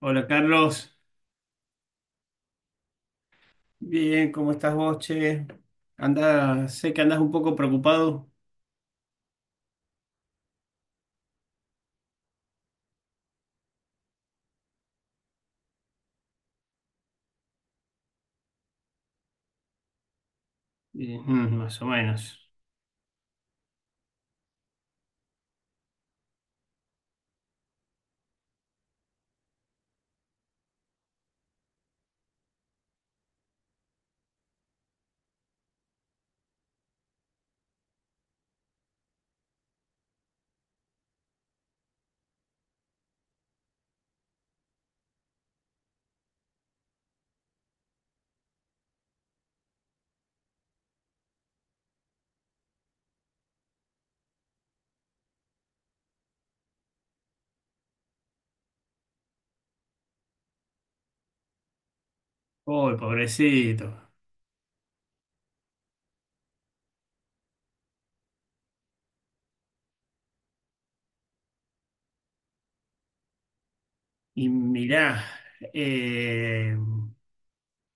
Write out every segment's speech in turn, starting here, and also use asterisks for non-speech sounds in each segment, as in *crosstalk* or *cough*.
Hola Carlos, bien, ¿cómo estás vos, che? Anda, sé que andas un poco preocupado. Y, mm, más o menos. Uy, pobrecito. Y mirá, eh,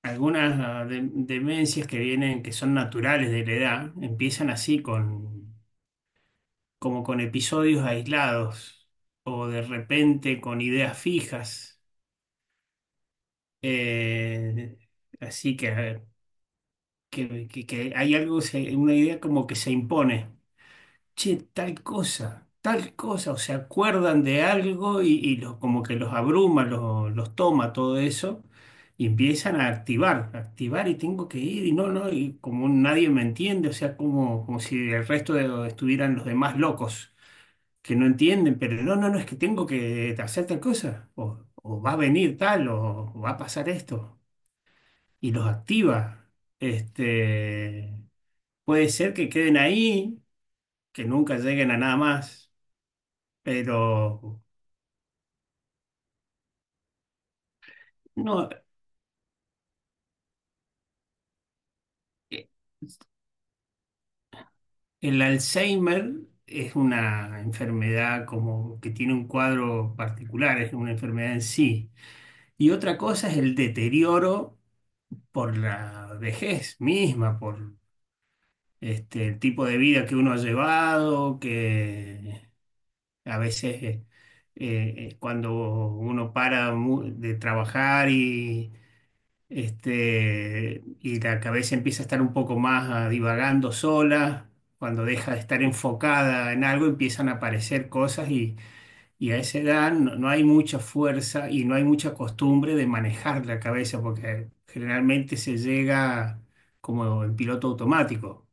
algunas demencias que vienen, que son naturales de la edad, empiezan así con, como con episodios aislados o de repente con ideas fijas. Eh, así que, que hay algo, una idea como que se impone. Che, tal cosa, o se acuerdan de algo y, como que los abruma, los toma todo eso y empiezan a activar y tengo que ir y no, no, y como nadie me entiende, o sea, como, como si el resto de, estuvieran los demás locos que no entienden, pero no, no, no, es que tengo que hacer tal cosa, o va a venir tal, o va a pasar esto, y los activa. Este, puede ser que queden ahí, que nunca lleguen a nada más, pero no. eh, el Alzheimer es una enfermedad como que tiene un cuadro particular, es una enfermedad en sí. Y otra cosa es el deterioro por la vejez misma, por este, el tipo de vida que uno ha llevado, que a veces, cuando uno para de trabajar y este, y la cabeza empieza a estar un poco más divagando sola, cuando deja de estar enfocada en algo, empiezan a aparecer cosas y a esa edad no, no hay mucha fuerza y no hay mucha costumbre de manejar la cabeza, porque generalmente se llega como en piloto automático.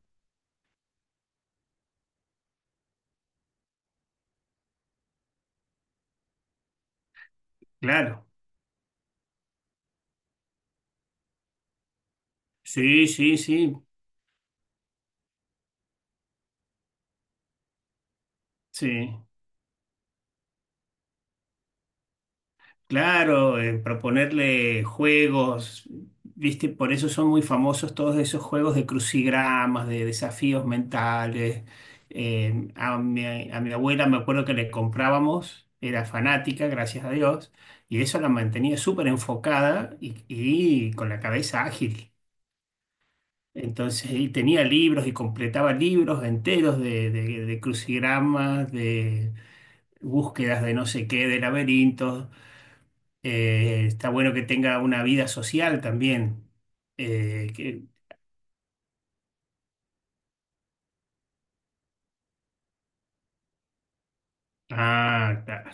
Claro, sí, sí, sí, sí. Claro, proponerle juegos, ¿viste? Por eso son muy famosos todos esos juegos de crucigramas, de desafíos mentales. Eh, a mi, a mi abuela me acuerdo que le comprábamos, era fanática, gracias a Dios, y eso la mantenía súper enfocada y con la cabeza ágil. Entonces, y tenía libros y completaba libros enteros de, de crucigramas, de búsquedas de no sé qué, de laberintos. Está bueno que tenga una vida social también. Eh, que- claro,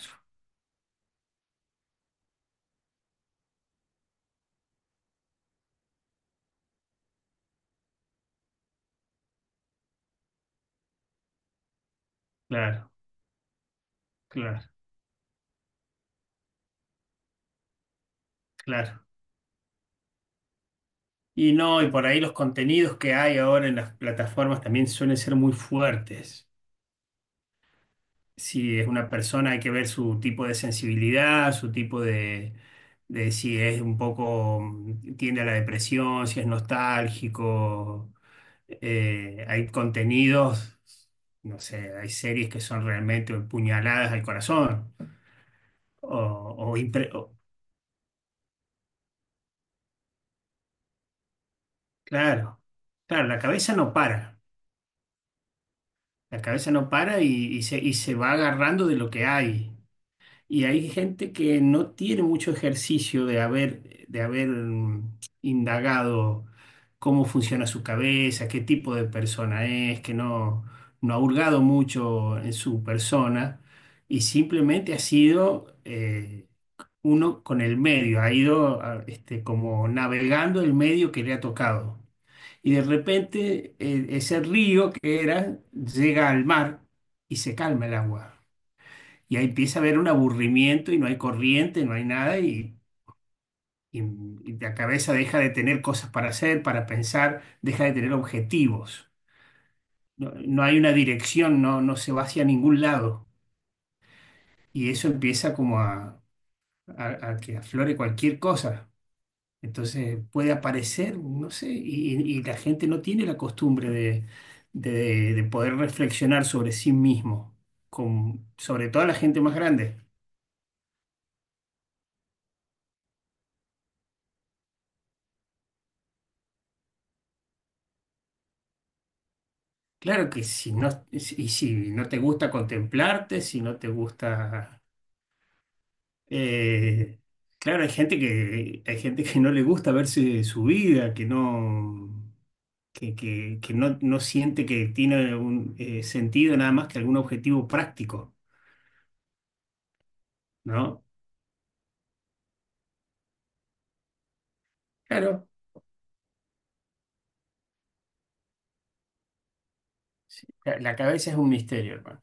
claro, claro, claro. Y no, y por ahí los contenidos que hay ahora en las plataformas también suelen ser muy fuertes. Si es una persona, hay que ver su tipo de sensibilidad, su tipo de si es un poco, mm, tiende a la depresión, si es nostálgico. Hay contenidos, no sé, hay series que son realmente puñaladas al corazón. O, o impre- o- claro, claro, la cabeza no para, la cabeza no para y se va agarrando de lo que hay. Y hay gente que no tiene mucho ejercicio de haber, de haber, mm, indagado cómo funciona su cabeza, qué tipo de persona es, que no, no ha hurgado mucho en su persona y simplemente ha sido, uno con el medio, ha ido este, como navegando el medio que le ha tocado. Y de repente, ese río que era llega al mar y se calma el agua. Y ahí empieza a haber un aburrimiento y no hay corriente, no hay nada y, y- y la cabeza deja de tener cosas para hacer, para pensar, deja de tener objetivos. No, no hay una dirección, no, no se va hacia ningún lado. Y eso empieza como a que aflore cualquier cosa. Entonces puede aparecer, no sé, y la gente no tiene la costumbre de, de poder reflexionar sobre sí mismo, con, sobre todo la gente más grande. Claro que si no, y si no te gusta contemplarte, si no te gusta... eh, claro, hay gente que no le gusta verse su vida, que no, que no, no siente que tiene un sentido nada más que algún objetivo práctico, ¿no? Claro. Sí, la la cabeza es un misterio, hermano.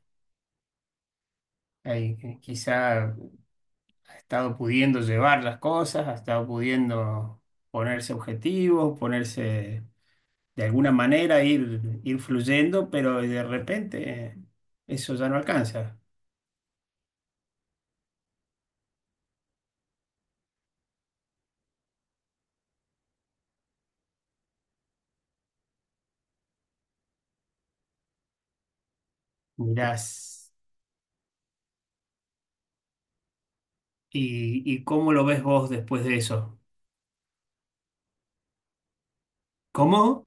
Ahí, quizá ha estado pudiendo llevar las cosas, ha estado pudiendo ponerse objetivos, ponerse de alguna manera, ir, ir fluyendo, pero de repente, eso ya no alcanza. Mirás, y cómo lo ves vos después de eso? ¿Cómo?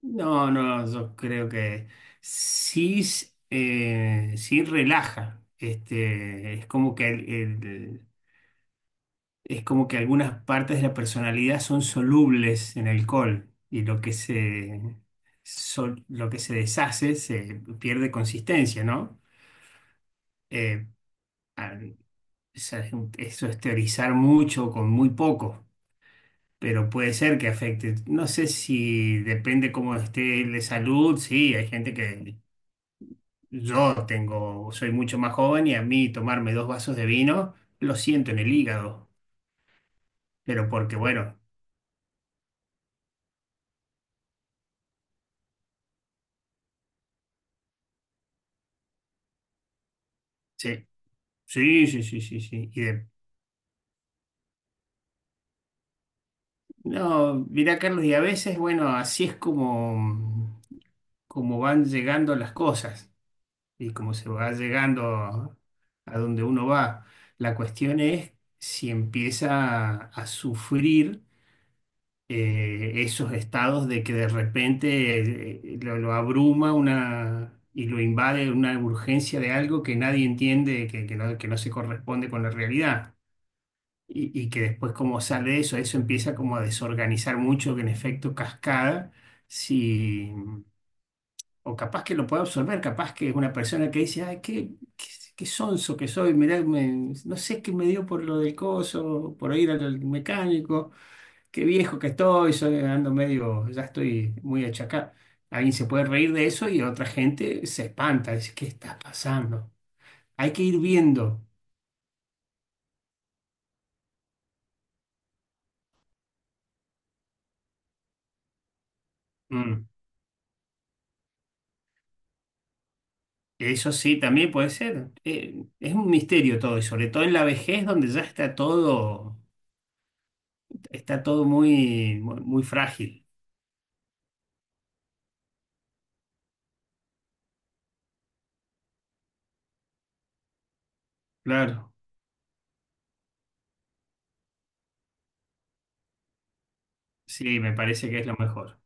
No, no, yo creo que sí, sí relaja. Este, es como que el, el- es como que algunas partes de la personalidad son solubles en alcohol y lo que se, lo que se deshace se pierde consistencia, ¿no? Eh, ah, esa es eso es teorizar mucho con muy poco, pero puede ser que afecte. No sé, si depende cómo esté de salud, sí, hay gente que yo tengo, soy mucho más joven y a mí tomarme dos vasos de vino lo siento en el hígado, pero porque bueno. Sí. Sí, sí, sí, sí, sí. No, mirá, Carlos, y a veces, bueno, así es como, como van llegando las cosas y como se va llegando a donde uno va. La cuestión es si empieza a sufrir, esos estados de que de repente, lo abruma una y lo invade una urgencia de algo que nadie entiende, que no se corresponde con la realidad y que después como sale eso, eso empieza como a desorganizar mucho, que en efecto cascada, si, o capaz que lo pueda absorber, capaz que es una persona que dice, ay, qué, qué, qué sonso que soy, mirá, no sé qué me dio por lo del coso, por ir al al mecánico, qué viejo que estoy, soy, ando medio, ya estoy muy achacado. Alguien se puede reír de eso y otra gente se espanta, dice, ¿qué está pasando? Hay que ir viendo. Mm. Eso sí, también puede ser. Es un misterio todo, y sobre todo en la vejez, donde ya está todo muy, muy, muy frágil. Claro, sí, me parece que es lo mejor.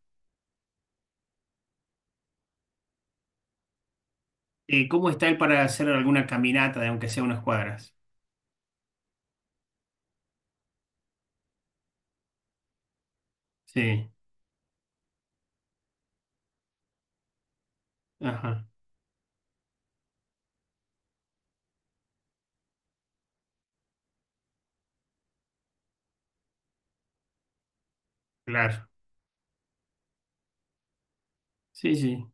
¿Cómo está él para hacer alguna caminata de aunque sea unas cuadras? Sí, ajá, claro. Sí, sí.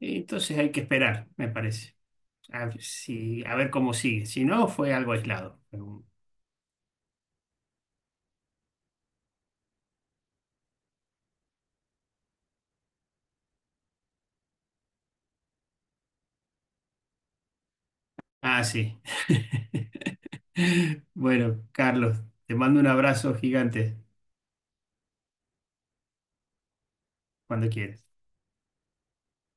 Entonces hay que esperar, me parece. A ver, si, a ver cómo sigue. Si no, fue algo aislado. Ah, sí. *laughs* Bueno, Carlos, te mando un abrazo gigante cuando quieras.